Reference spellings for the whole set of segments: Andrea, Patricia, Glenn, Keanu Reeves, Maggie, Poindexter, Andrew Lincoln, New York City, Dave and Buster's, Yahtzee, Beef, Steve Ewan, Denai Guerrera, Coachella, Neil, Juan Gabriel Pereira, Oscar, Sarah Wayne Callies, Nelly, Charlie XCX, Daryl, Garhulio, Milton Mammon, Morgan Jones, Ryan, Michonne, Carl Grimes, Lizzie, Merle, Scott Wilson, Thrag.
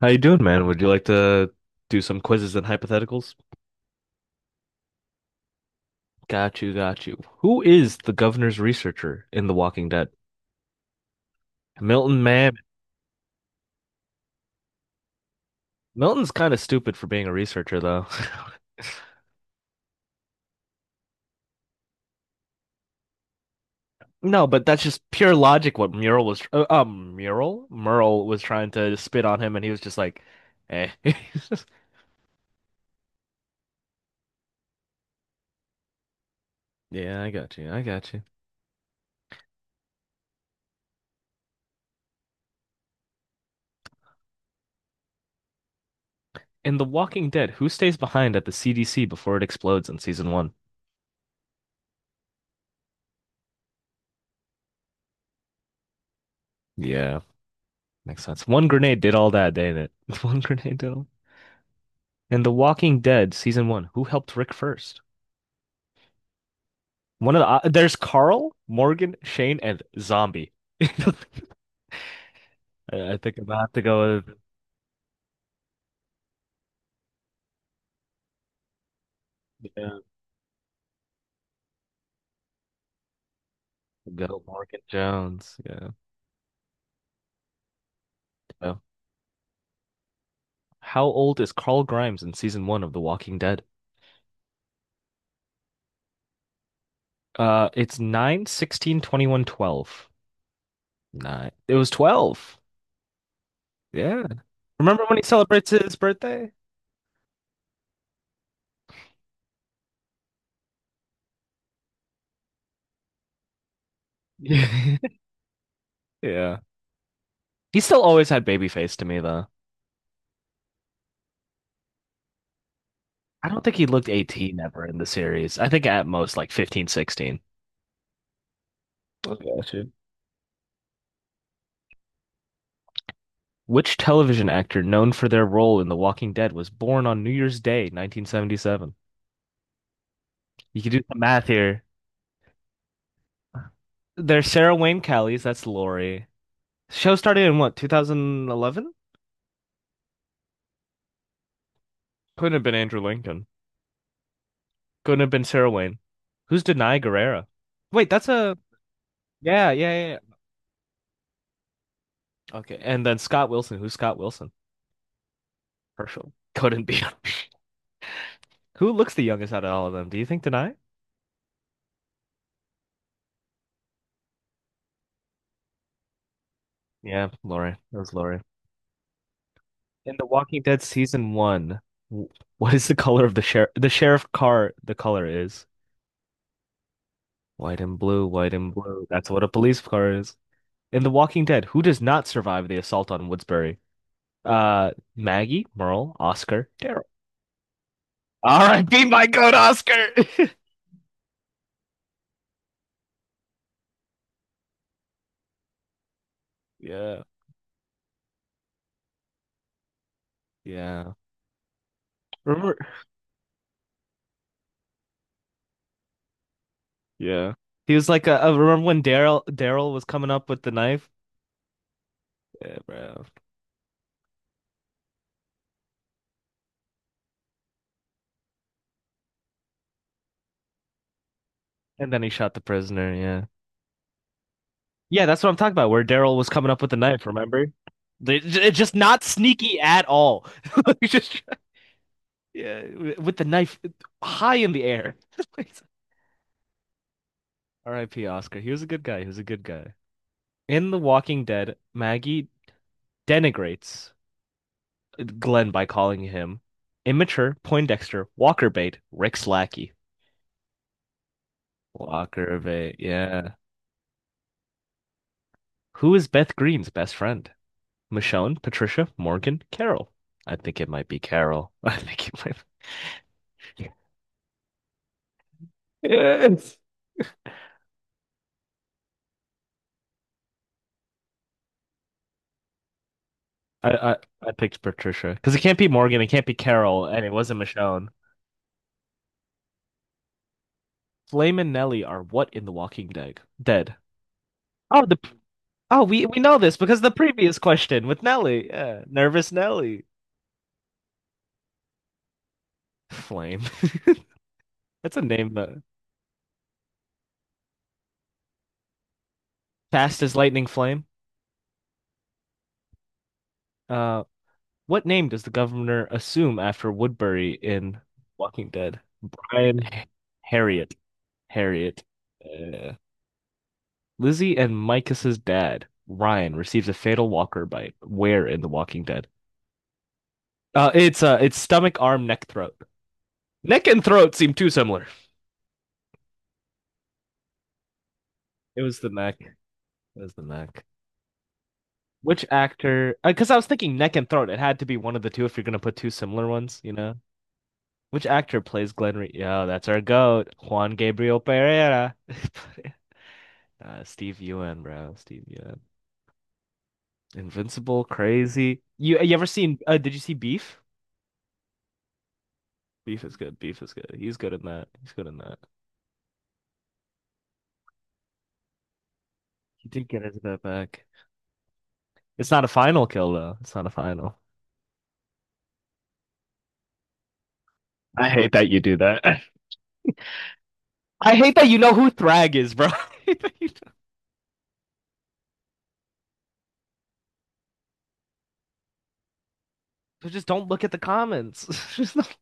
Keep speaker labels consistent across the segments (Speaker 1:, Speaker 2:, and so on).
Speaker 1: How you doing, man? Would you like to do some quizzes and hypotheticals? Got you, got you. Who is the governor's researcher in The Walking Dead? Milton Mammon. Milton's kind of stupid for being a researcher, though. No, but that's just pure logic. What Mural was, Mural, Merle was trying to spit on him, and he was just like, "Eh." Yeah, I got you. I got you. In The Walking Dead, who stays behind at the CDC before it explodes in season one? Yeah, makes sense. One grenade did all that, didn't it? One grenade did all. In The Walking Dead season one, who helped Rick first? One of the there's Carl, Morgan, Shane, and Zombie. I I think I'm gonna have to go with, yeah, go Morgan Jones. Yeah. Oh. How old is Carl Grimes in season one of The Walking Dead? It's nine, 16, 21, 12. Nine. It was 12. Yeah. Remember when he celebrates his birthday? Yeah. He still always had baby face to me though. I don't think he looked 18 ever in the series. I think at most like 15, 16. 16. Gotcha. Which television actor known for their role in The Walking Dead was born on New Year's Day, 1977? You can do the math here. There's Sarah Wayne Callies, that's Lori. Show started in what, 2011? Couldn't have been Andrew Lincoln. Couldn't have been Sarah Wayne. Who's Denai Guerrera? Wait, that's a yeah, yeah, yeah, yeah. Okay, and then Scott Wilson. Who's Scott Wilson? Herschel. Couldn't be. Who looks the youngest out of all of them? Do you think Denai? Yeah, Laurie. That was Laurie. In The Walking Dead season one, w- what is the color of the sheriff? The sheriff car, the color is white and blue, white and blue. That's what a police car is. In The Walking Dead, who does not survive the assault on Woodsbury? Maggie, Merle, Oscar, Daryl. All right, be my goat, Oscar. Yeah, yeah. Remember? Yeah. He was like, remember when Daryl was coming up with the knife? Yeah, bro. And then he shot the prisoner. Yeah. Yeah, that's what I'm talking about, where Daryl was coming up with the knife, remember? They- It's just not sneaky at all. Like, just, yeah, with the knife high in the air. R.I.P. Oscar. He was a good guy. He was a good guy. In The Walking Dead, Maggie denigrates Glenn by calling him immature, Poindexter, Walker bait, Rick's lackey. Walker bait, yeah. Who is Beth Greene's best friend? Michonne, Patricia, Morgan, Carol. I think it might be Carol. I think it might. Yes. I, I, I picked Patricia because it can't be Morgan, it can't be Carol, and it wasn't Michonne. Flame and Nelly are what in The Walking Dead? Dead. Oh, the oh we know this because the previous question with Nelly. Yeah, nervous Nelly. Flame. That's a name, though. Fast as lightning flame. Uh, what name does the governor assume after Woodbury in Walking Dead? Brian, Harriet, Harriet. Uh, Lizzie and Micah's dad, Ryan, receives a fatal walker bite. Where in The Walking Dead? It's stomach, arm, neck, throat. Neck and throat seem too similar. It was the neck. It was the neck. Which actor? Because I was thinking neck and throat. It had to be one of the two if you're gonna put two similar ones, you know. Which actor plays Glenn Re- Yo, that's our goat, Juan Gabriel Pereira. Steve Ewan, bro. Steve Ewan. Invincible, crazy. You ever seen? Did you see Beef? Beef is good. Beef is good. He's good in that. He's good in that. He did get his bit back. It's not a final kill though. It's not a final. I hate that you do that. I hate that you know who Thrag is, bro. So just don't look at the comments. Just not,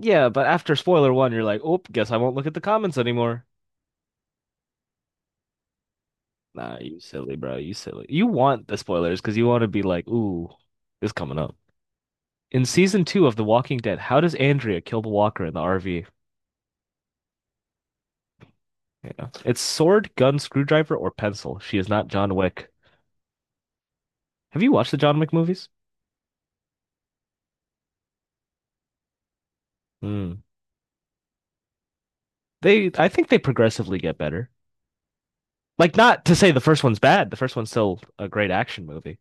Speaker 1: yeah, but after spoiler one, you're like, oh, guess I won't look at the comments anymore. Nah, you silly, bro. You silly. You want the spoilers because you want to be like, ooh, this is coming up. In season two of The Walking Dead, how does Andrea kill the walker in the RV? You know, it's sword, gun, screwdriver, or pencil. She is not John Wick. Have you watched the John Wick movies? Mm. They, I think they progressively get better. Like, not to say the first one's bad. The first one's still a great action movie.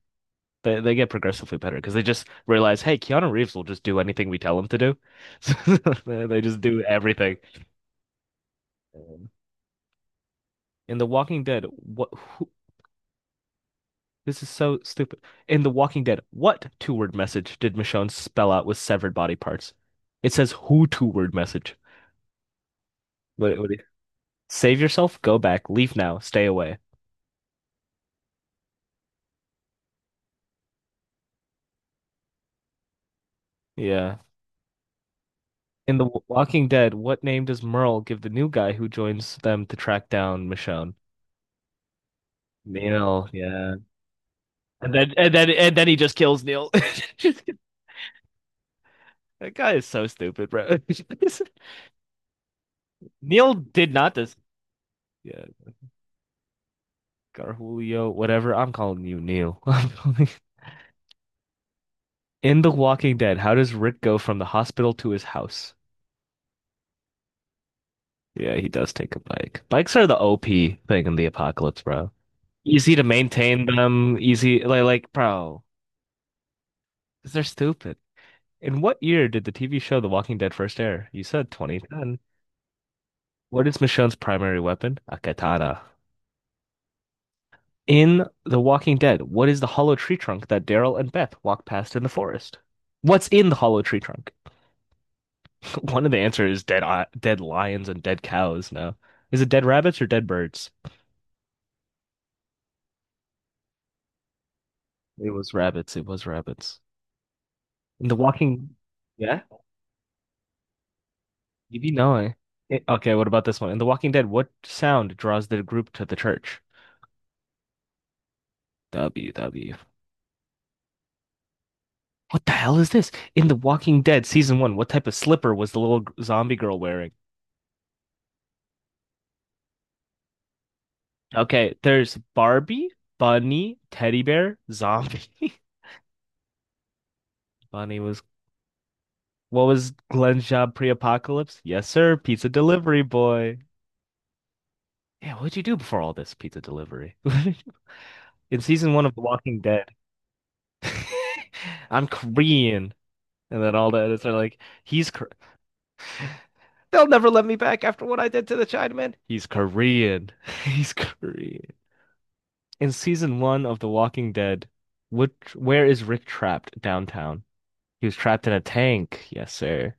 Speaker 1: They get progressively better because they just realize, hey, Keanu Reeves will just do anything we tell him to do. So they just do everything. Um, In The Walking Dead, what? Who, this is so stupid. In The Walking Dead, what two-word message did Michonne spell out with severed body parts? It says who two-word message. What, save yourself, go back, leave now, stay away. Yeah. In The Walking Dead, what name does Merle give the new guy who joins them to track down Michonne? Neil, yeah. And then he just kills Neil. That guy is so stupid, bro. Neil did not this. Yeah, Garhulio, whatever. I'm calling you Neil. In The Walking Dead, how does Rick go from the hospital to his house? Yeah, he does take a bike. Bikes are the OP thing in the apocalypse, bro. Easy to maintain them, easy like bro, 'cause they're stupid. In what year did the TV show The Walking Dead first air? You said 2010. What is Michonne's primary weapon? A katana. In The Walking Dead, what is the hollow tree trunk that Daryl and Beth walk past in the forest? What's in the hollow tree trunk? One of the answers is dead lions and dead cows. No. Is it dead rabbits or dead birds? It was rabbits. It was rabbits. In The Walking, yeah, you be knowing. Eh, okay, what about this one? In The Walking Dead, what sound draws the group to the church? W W. What the hell is this? In The Walking Dead season one, what type of slipper was the little zombie girl wearing? Okay, there's Barbie, bunny, teddy bear, zombie. Bunny was what was Glenn's job pre-apocalypse? Yes, sir, pizza delivery boy. Yeah, what'd you do before all this pizza delivery? In season one of The Walking Dead, I'm Korean, and then all the editors are like, he's Kor- they'll never let me back after what I did to the Chinaman. He's Korean. He's Korean. In season one of The Walking Dead, which where is Rick trapped downtown? He was trapped in a tank. Yes, sir.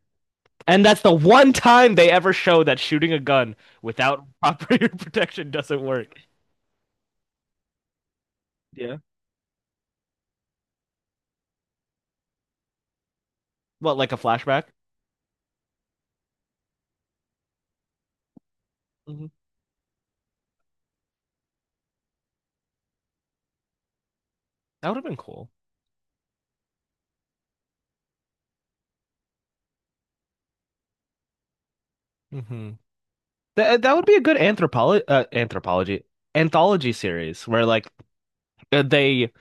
Speaker 1: And that's the one time they ever show that shooting a gun without proper protection doesn't work. Yeah. Well, like a flashback? Hmm. That would have been cool. Hmm. That that would be a good anthropology anthology series where like, they,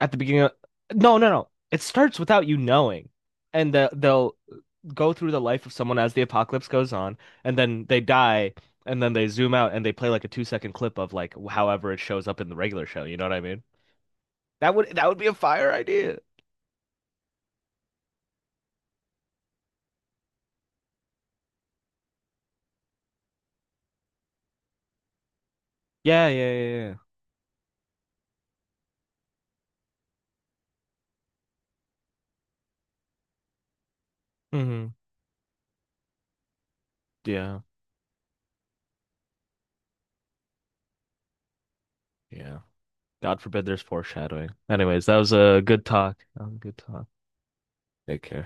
Speaker 1: at the beginning of, no, no, no. It starts without you knowing. And they'll go through the life of someone as the apocalypse goes on, and then they die, and then they zoom out and they play like a 2-second clip of like however it shows up in the regular show. You know what I mean? That would, that would be a fire idea. Yeah, yeah, yeah, yeah. Hmm. Yeah, yeah. God forbid there's foreshadowing. Anyways, that was a good talk. That was a good talk. Take care.